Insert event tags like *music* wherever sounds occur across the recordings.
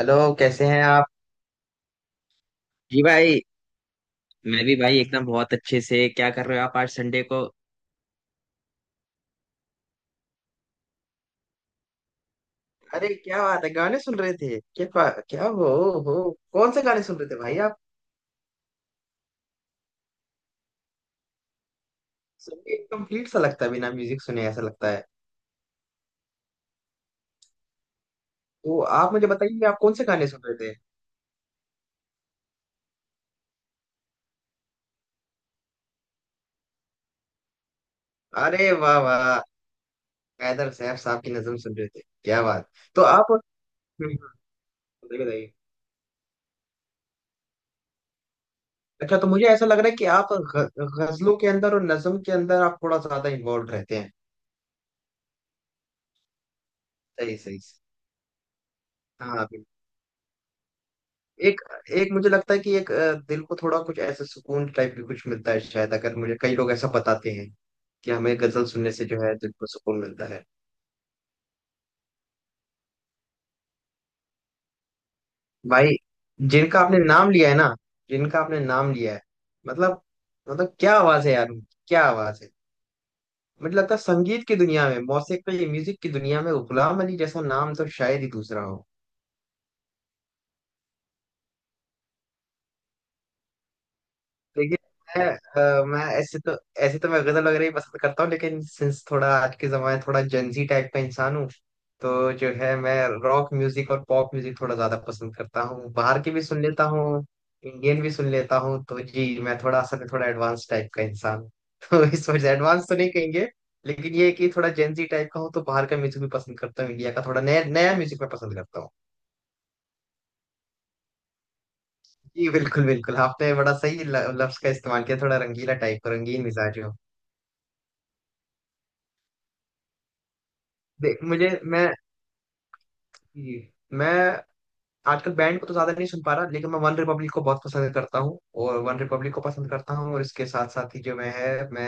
Hello, कैसे हैं आप? जी भाई। मैं भी भाई, एकदम बहुत अच्छे से। क्या कर रहे हो आप आज संडे को? अरे क्या बात है, गाने सुन रहे थे? क्या हो, कौन से गाने सुन रहे थे भाई आप? सुन के कंप्लीट सा लगता है, बिना म्यूजिक सुने ऐसा लगता है। तो आप मुझे बताइए कि आप कौन से गाने सुन रहे थे। अरे वाह वाह! हैदर सैफ साहब की नज़म सुन रहे थे, क्या बात! तो आप। हम्म। बताइए बताइए। अच्छा, तो मुझे ऐसा लग रहा है कि आप गजलों के अंदर और नज्म के अंदर आप थोड़ा ज्यादा इन्वॉल्व रहते हैं। सही सही सही। हाँ। एक एक मुझे लगता है कि एक दिल को थोड़ा कुछ ऐसे सुकून टाइप भी कुछ मिलता है शायद, अगर मुझे कई लोग ऐसा बताते हैं कि हमें गजल सुनने से जो है दिल को सुकून मिलता है। भाई, जिनका आपने नाम लिया है ना, जिनका आपने नाम लिया है, मतलब, मतलब क्या आवाज है यार उनकी, क्या आवाज है! मुझे लगता है संगीत की दुनिया में, मौसीकी म्यूजिक की दुनिया में, गुलाम अली जैसा नाम तो शायद ही दूसरा हो। देखिए, मैं, मैं ऐसे तो मैं गजल वगैरह ही पसंद करता हूँ, लेकिन सिंस थोड़ा आज के जमाने, थोड़ा जेंजी टाइप का इंसान हूँ। तो जो है, मैं रॉक म्यूजिक और पॉप म्यूजिक थोड़ा ज्यादा पसंद करता हूँ, बाहर की भी सुन लेता हूँ, इंडियन भी सुन लेता हूँ। तो जी मैं थोड़ा असल में थोड़ा एडवांस टाइप का इंसान हूँ। *laughs* तो इस वजह एडवांस तो नहीं कहेंगे, लेकिन ये है कि थोड़ा जेंजी टाइप का हूँ, तो बाहर का म्यूजिक भी पसंद करता हूँ, इंडिया का थोड़ा नया नया म्यूजिक मैं पसंद करता हूँ। जी बिल्कुल बिल्कुल, आपने बड़ा सही लफ्ज का इस्तेमाल किया, थोड़ा रंगीला टाइप का, रंगीन मिजाज। देख, मुझे, मैं आजकल बैंड को तो ज्यादा नहीं सुन पा रहा, लेकिन मैं वन रिपब्लिक को बहुत पसंद करता हूँ। और वन रिपब्लिक को पसंद करता हूँ, और इसके साथ साथ ही जो मैं है, मैं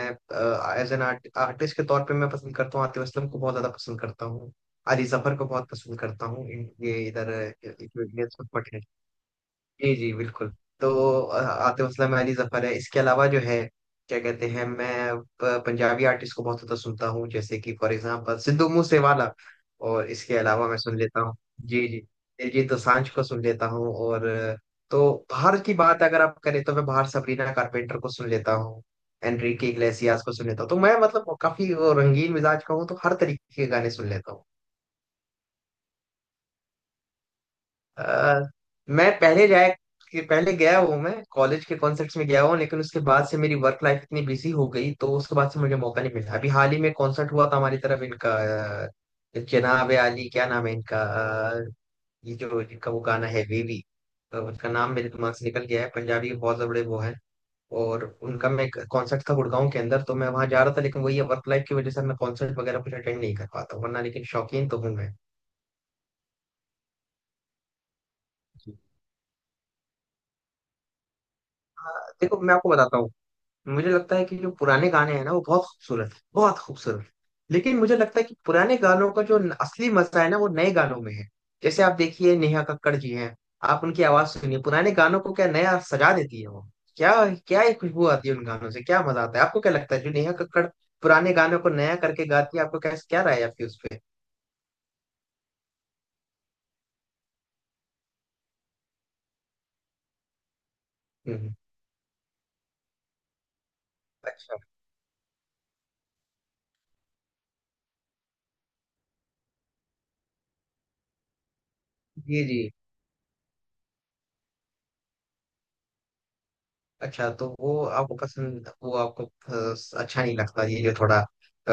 एज एन आर्टिस्ट के तौर पे मैं पसंद करता हूँ, आतिफ असलम को बहुत ज्यादा पसंद करता हूँ। अली जफर को बहुत पसंद करता हूँ। ये इधर, जो इंडियन... जी जी बिल्कुल। तो आतिफ असलम, अली जफर है, इसके अलावा जो है, क्या कहते हैं, मैं पंजाबी आर्टिस्ट को बहुत ज्यादा सुनता हूँ, जैसे कि फॉर एग्जांपल सिद्धू मूसेवाला। और इसके अलावा मैं सुन लेता हूँ, जी जी, दिलजीत दोसांझ को सुन लेता हूँ, और तो बाहर की बात अगर आप करें, तो मैं बाहर सबरीना कारपेंटर को सुन लेता हूँ, एनरिके इग्लेसियास को सुन लेता हूँ। तो मैं मतलब काफी वो रंगीन मिजाज का हूँ, तो हर तरीके के गाने सुन लेता हूँ। अ, मैं पहले जाए, कि पहले गया हूँ, मैं कॉलेज के कॉन्सर्ट्स में गया हूँ, लेकिन उसके बाद से मेरी वर्क लाइफ इतनी बिजी हो गई, तो उसके बाद से मुझे मौका नहीं मिला। अभी हाल ही में कॉन्सर्ट हुआ था हमारी तरफ इनका, अ, जनाब आली क्या नाम है इनका, अ, ये जो इनका वो गाना है वेवी, तो उसका नाम मेरे दिमाग से निकल गया है। पंजाबी के बहुत बड़े वो है, और उनका मैं कॉन्सर्ट था गुड़गांव के अंदर, तो मैं वहां जा रहा था, लेकिन वही वर्क लाइफ की वजह से मैं कॉन्सर्ट वगैरह कुछ अटेंड नहीं कर पाता वरना, लेकिन शौकीन तो हूँ मैं। जी। देखो, मैं आपको बताता हूँ, मुझे लगता है कि जो पुराने गाने हैं ना, वो बहुत खूबसूरत है, बहुत खूबसूरत। लेकिन मुझे लगता है कि पुराने गानों का जो असली मजा है ना, वो नए गानों में है। जैसे आप देखिए नेहा कक्कड़ जी हैं, आप उनकी आवाज सुनिए, पुराने गानों को क्या नया सजा देती है वो! क्या, क्या ही खुशबू आती है उन गानों से, क्या मजा आता है! आपको क्या लगता है, जो नेहा कक्कड़ पुराने गानों को नया करके गाती है, आपको क्या, क्या राय है आपकी उस पे? हम्म। अच्छा। जी जी। अच्छा, तो वो आपको पसंद, वो आपको अच्छा नहीं लगता, ये जो थोड़ा अ,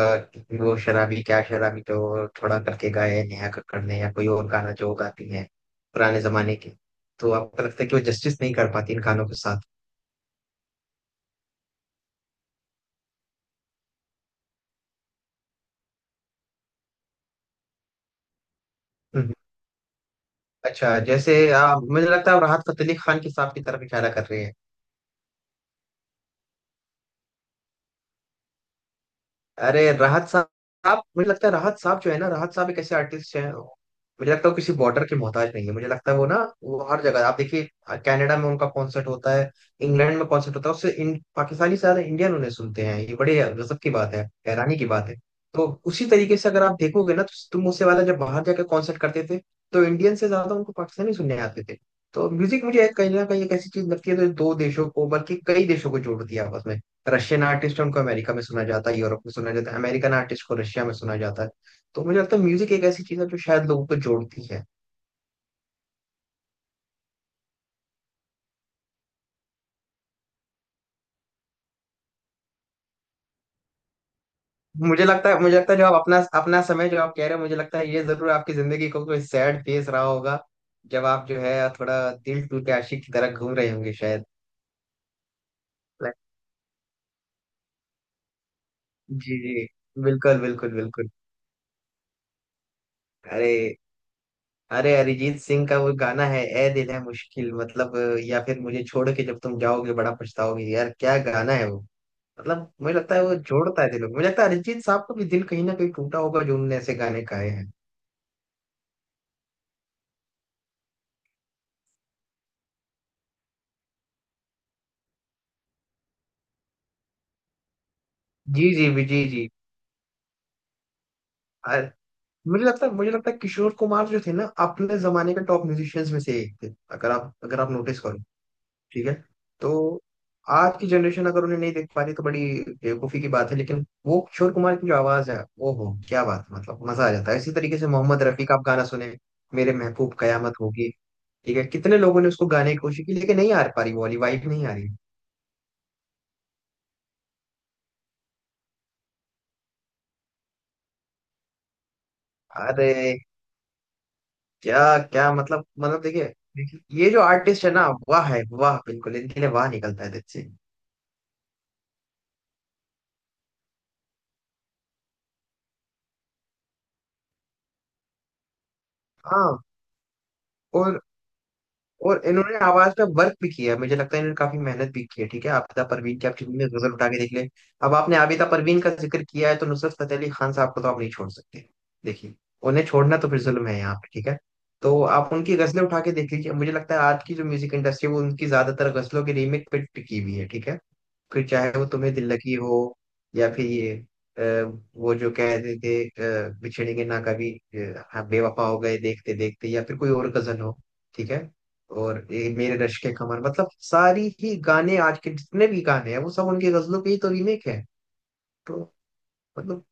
वो शराबी, क्या शराबी जो थोड़ा करके गाए हैं नेहा कक्कड़ ने, या कोई और गाना जो गाती है पुराने जमाने के, तो आपको लगता है कि वो जस्टिस नहीं कर पाती इन गानों के साथ? हम्म। अच्छा, जैसे मुझे लगता है आप राहत फतेह अली खान के साहब की तरफ इशारा कर रहे हैं। अरे, राहत साहब, मुझे लगता है राहत साहब जो है ना, राहत साहब एक ऐसे आर्टिस्ट हैं, मुझे लगता है वो किसी बॉर्डर के मोहताज नहीं है, मुझे लगता है वो ना, वो हर जगह। आप देखिए, कनाडा में उनका कॉन्सर्ट होता है, इंग्लैंड में कॉन्सर्ट होता है, उससे पाकिस्तानी से ज्यादा इंडियन उन्हें सुनते हैं, ये बड़े गजब की बात है, हैरानी की बात है। तो उसी तरीके से अगर आप देखोगे ना, तो तुम उससे वाला जब बाहर जाकर कॉन्सर्ट करते थे, तो इंडियन से ज्यादा उनको पाकिस्तानी सुनने आते थे। तो म्यूजिक मुझे कहीं ना कहीं एक ऐसी चीज लगती है जो दो देशों को, बल्कि कई देशों को जोड़ती है आपस में। रशियन आर्टिस्ट है, उनको अमेरिका में सुना जाता है, यूरोप में सुना जाता है, अमेरिकन आर्टिस्ट को रशिया में सुना जाता है। तो मुझे लगता है म्यूजिक एक ऐसी चीज है जो शायद लोगों को जोड़ती है। मुझे लगता है जो आप अपना अपना समय जो आप कह रहे हो, मुझे लगता है ये जरूर आपकी जिंदगी को कोई सैड फेस रहा होगा, जब आप जो है थोड़ा दिल टूट के आशिक की तरह घूम रहे होंगे शायद। Like, जी जी। बिल्कुल बिल्कुल बिल्कुल। अरे, अरे, अरिजीत सिंह का वो गाना है ए दिल है मुश्किल, मतलब! या फिर मुझे छोड़ के जब तुम जाओगे बड़ा पछताओगे, यार क्या गाना है वो! मतलब मुझे लगता है वो जोड़ता है दिलों को, मुझे लगता है अरिजीत साहब का भी दिल कहीं ना कहीं टूटा होगा, जो उनने ऐसे गाने गाए हैं। जी जी भी जी जी। अ- मुझे लगता है किशोर कुमार जो थे ना, अपने जमाने के टॉप म्यूजिशियंस में से एक थे। अगर आप नोटिस करो। ठीक है। तो आज की जनरेशन अगर उन्हें नहीं देख पा रही, तो बड़ी बेवकूफी की बात है। लेकिन वो किशोर कुमार की जो आवाज है, वो हो, क्या बात है, मतलब मजा आ जाता है। इसी तरीके से मोहम्मद रफी का आप गाना सुने, मेरे महबूब कयामत होगी, ठीक है, कितने लोगों ने उसको गाने की कोशिश की, लेकिन नहीं आ पा रही, वो वाली वाइब नहीं आ रही। अरे, क्या, क्या मतलब, मतलब देखिए, देखिए, ये जो आर्टिस्ट है ना, वाह है, वाह, बिल्कुल, इनके लिए वाह निकलता है दिल से। हाँ। और और इन्होंने आवाज पे वर्क भी किया है। मुझे लगता है इन्होंने काफी मेहनत भी की है। ठीक है, आबिदा परवीन की आप फिल्म में नजर उठा के देख ले। अब आपने आबिदा परवीन का जिक्र किया है, तो नुसरत फतेह अली खान साहब को तो आप नहीं छोड़ सकते। देखिए, उन्हें छोड़ना तो फिर जुल्म है यहाँ पे, ठीक है, तो आप उनकी गजलें उठा के देख लीजिए, मुझे लगता है आज की जो म्यूजिक इंडस्ट्री है, वो उनकी ज्यादातर गजलों के रीमेक पे टिकी हुई है, ठीक है। फिर चाहे वो तुम्हें दिल लगी हो, या फिर ये अ, वो जो कहते थे बिछड़ेंगे ना कभी हाँ, बेवफा हो गए देखते देखते, या फिर कोई और गजल हो, ठीक है। और ये मेरे रश्क के कमर, मतलब, सारी ही गाने, आज के जितने भी गाने हैं, वो सब उनकी गजलों के ही तो रीमेक है। तो मतलब,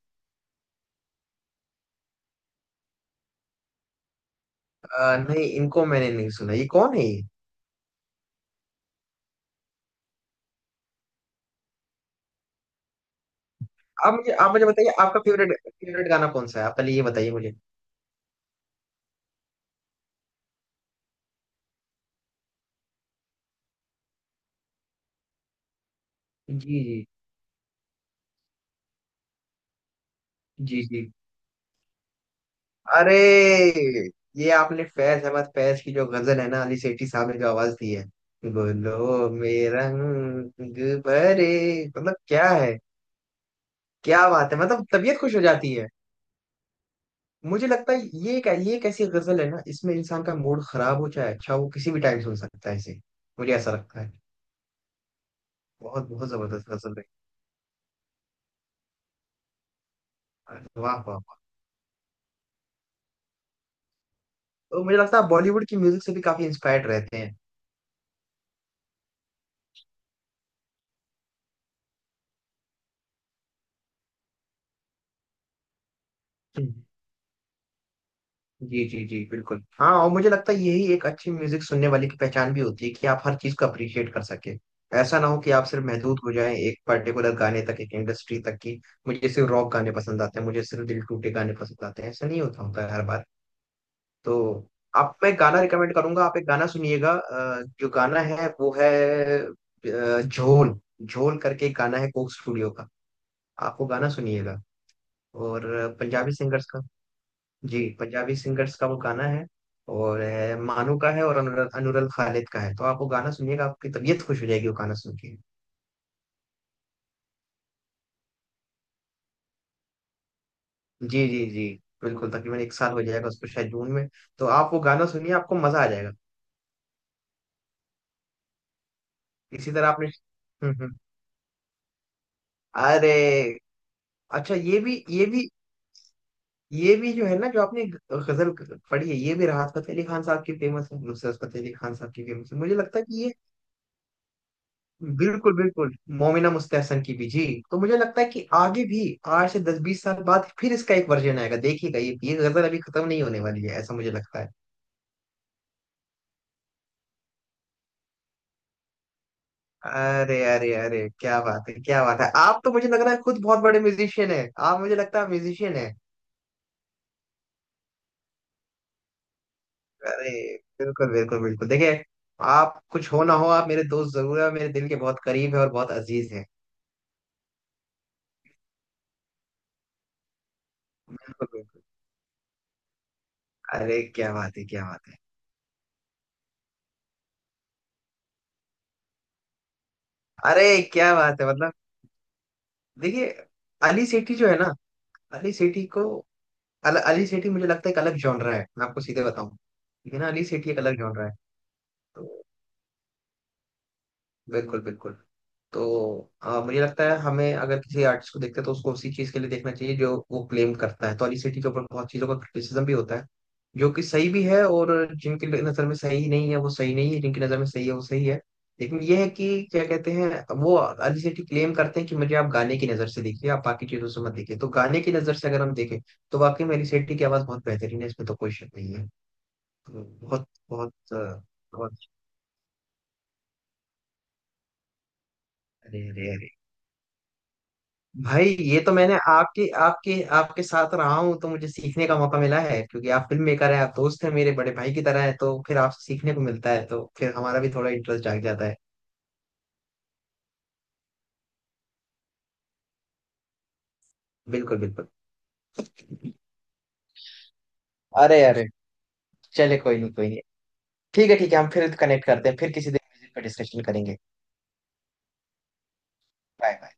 नहीं, इनको मैंने नहीं सुना, ये कौन है ये? आप मुझे, आप मुझे बताइए, आपका फेवरेट फेवरेट गाना कौन सा है, आप पहले ये बताइए मुझे। जी। जी जी जी। अरे, ये आपने फैज अहमद फैज की जो गजल है ना, अली सेठी साहब ने जो आवाज दी है, बोलो मेरा रंग भरे, मतलब क्या है! क्या बात है, मतलब तबीयत खुश हो जाती है। मुझे लगता है ये एक, ये एक ऐसी गजल है ना, इसमें इंसान का मूड खराब हो चाहे अच्छा, वो किसी भी टाइम सुन सकता है इसे, मुझे ऐसा लगता है। बहुत बहुत जबरदस्त गजल है। वाह वाह वाह! तो मुझे लगता है बॉलीवुड की म्यूजिक से भी काफी इंस्पायर्ड रहते हैं। जी जी जी बिल्कुल। हाँ, और मुझे लगता है यही एक अच्छी म्यूजिक सुनने वाले की पहचान भी होती है, कि आप हर चीज को अप्रिशिएट कर सके। ऐसा ना हो कि आप सिर्फ महदूद हो जाएं एक पर्टिकुलर गाने तक, एक इंडस्ट्री तक की। मुझे सिर्फ रॉक गाने पसंद आते हैं, मुझे सिर्फ दिल टूटे गाने पसंद आते हैं, ऐसा नहीं होता, होता है हर बार। तो आप, मैं गाना रिकमेंड करूंगा, आप एक गाना सुनिएगा, जो गाना है वो है, झोल, झोल करके एक गाना है कोक स्टूडियो का, आप वो गाना सुनिएगा। और पंजाबी सिंगर्स, जी, पंजाबी सिंगर्स का वो गाना है, और है, मानू का है, और अनुरल खालिद का है, तो आप वो गाना सुनिएगा, आपकी तबीयत खुश हो जाएगी वो गाना सुन के। जी जी जी बिल्कुल, तकरीबन 1 साल हो जाएगा उसको शायद जून में। तो आप वो गाना सुनिए, आपको मजा आ जाएगा। इसी तरह आपने... हम्म, हम्म। अरे, अच्छा, ये भी जो है ना, जो आपने गजल पढ़ी है, ये भी राहत फतेह अली खान साहब की फेमस है, नुसरत फतेह अली खान साहब की फेमस है, मुझे लगता है कि ये... बिल्कुल बिल्कुल। मोमिना मुस्तहसन की भी जी। तो मुझे लगता है कि आगे भी 8 से 10, 20 साल बाद फिर इसका एक वर्जन आएगा, देखिएगा, ये गजल अभी खत्म नहीं होने वाली है, ऐसा मुझे लगता है। अरे अरे अरे, क्या बात है, क्या बात है, आप तो मुझे लग रहा है खुद बहुत बड़े म्यूजिशियन है आप, मुझे लगता है म्यूजिशियन है। अरे बिल्कुल बिल्कुल बिल्कुल, देखिए, आप कुछ हो ना हो, आप मेरे दोस्त जरूर है, मेरे दिल के बहुत करीब है, और बहुत अजीज है। बिल्कुल बिल्कुल। अरे, क्या बात है, क्या बात है! अरे, क्या बात है, मतलब, देखिए, अली सेठी जो है ना, अली सेठी को, अली सेठी मुझे लगता है एक अलग जॉनरा है, मैं आपको सीधे बताऊं, ठीक है ना, अली सेठी एक अलग जॉनरा है। तो बिल्कुल बिल्कुल। तो मुझे लगता है हमें, अगर किसी आर्टिस्ट को देखते हैं, तो उसको उसी चीज के लिए देखना चाहिए जो वो क्लेम करता है, तो अली सेठी के ऊपर बहुत चीजों का क्रिटिसिज्म भी होता है, जो कि सही भी है। और जिनकी नज़र में सही नहीं है, वो सही नहीं है, जिनकी नज़र में सही है, वो सही है। लेकिन ये है कि क्या कहते हैं, वो अली सेठी क्लेम करते हैं कि मुझे आप गाने की नज़र से देखिए, आप बाकी चीज़ों से मत देखिए, तो गाने की नज़र से अगर हम देखें, तो वाकई में अली सेठी की आवाज़ बहुत बेहतरीन है, इसमें तो कोई शक नहीं है। बहुत बहुत, बहुत... अरे अरे अरे, भाई, ये तो मैंने आपके आपके आपके साथ रहा हूँ, तो मुझे सीखने का मौका मिला है, क्योंकि आप फिल्म मेकर हैं, आप दोस्त हैं, मेरे बड़े भाई की तरह है, तो फिर आपसे सीखने को मिलता है, तो फिर हमारा भी थोड़ा इंटरेस्ट जाग जाता है। बिल्कुल बिल्कुल। अरे अरे, चले, कोई नहीं, कोई नहीं। ठीक है, ठीक है, हम फिर कनेक्ट करते हैं, फिर किसी दिन म्यूजिक पर डिस्कशन करेंगे। Bye bye.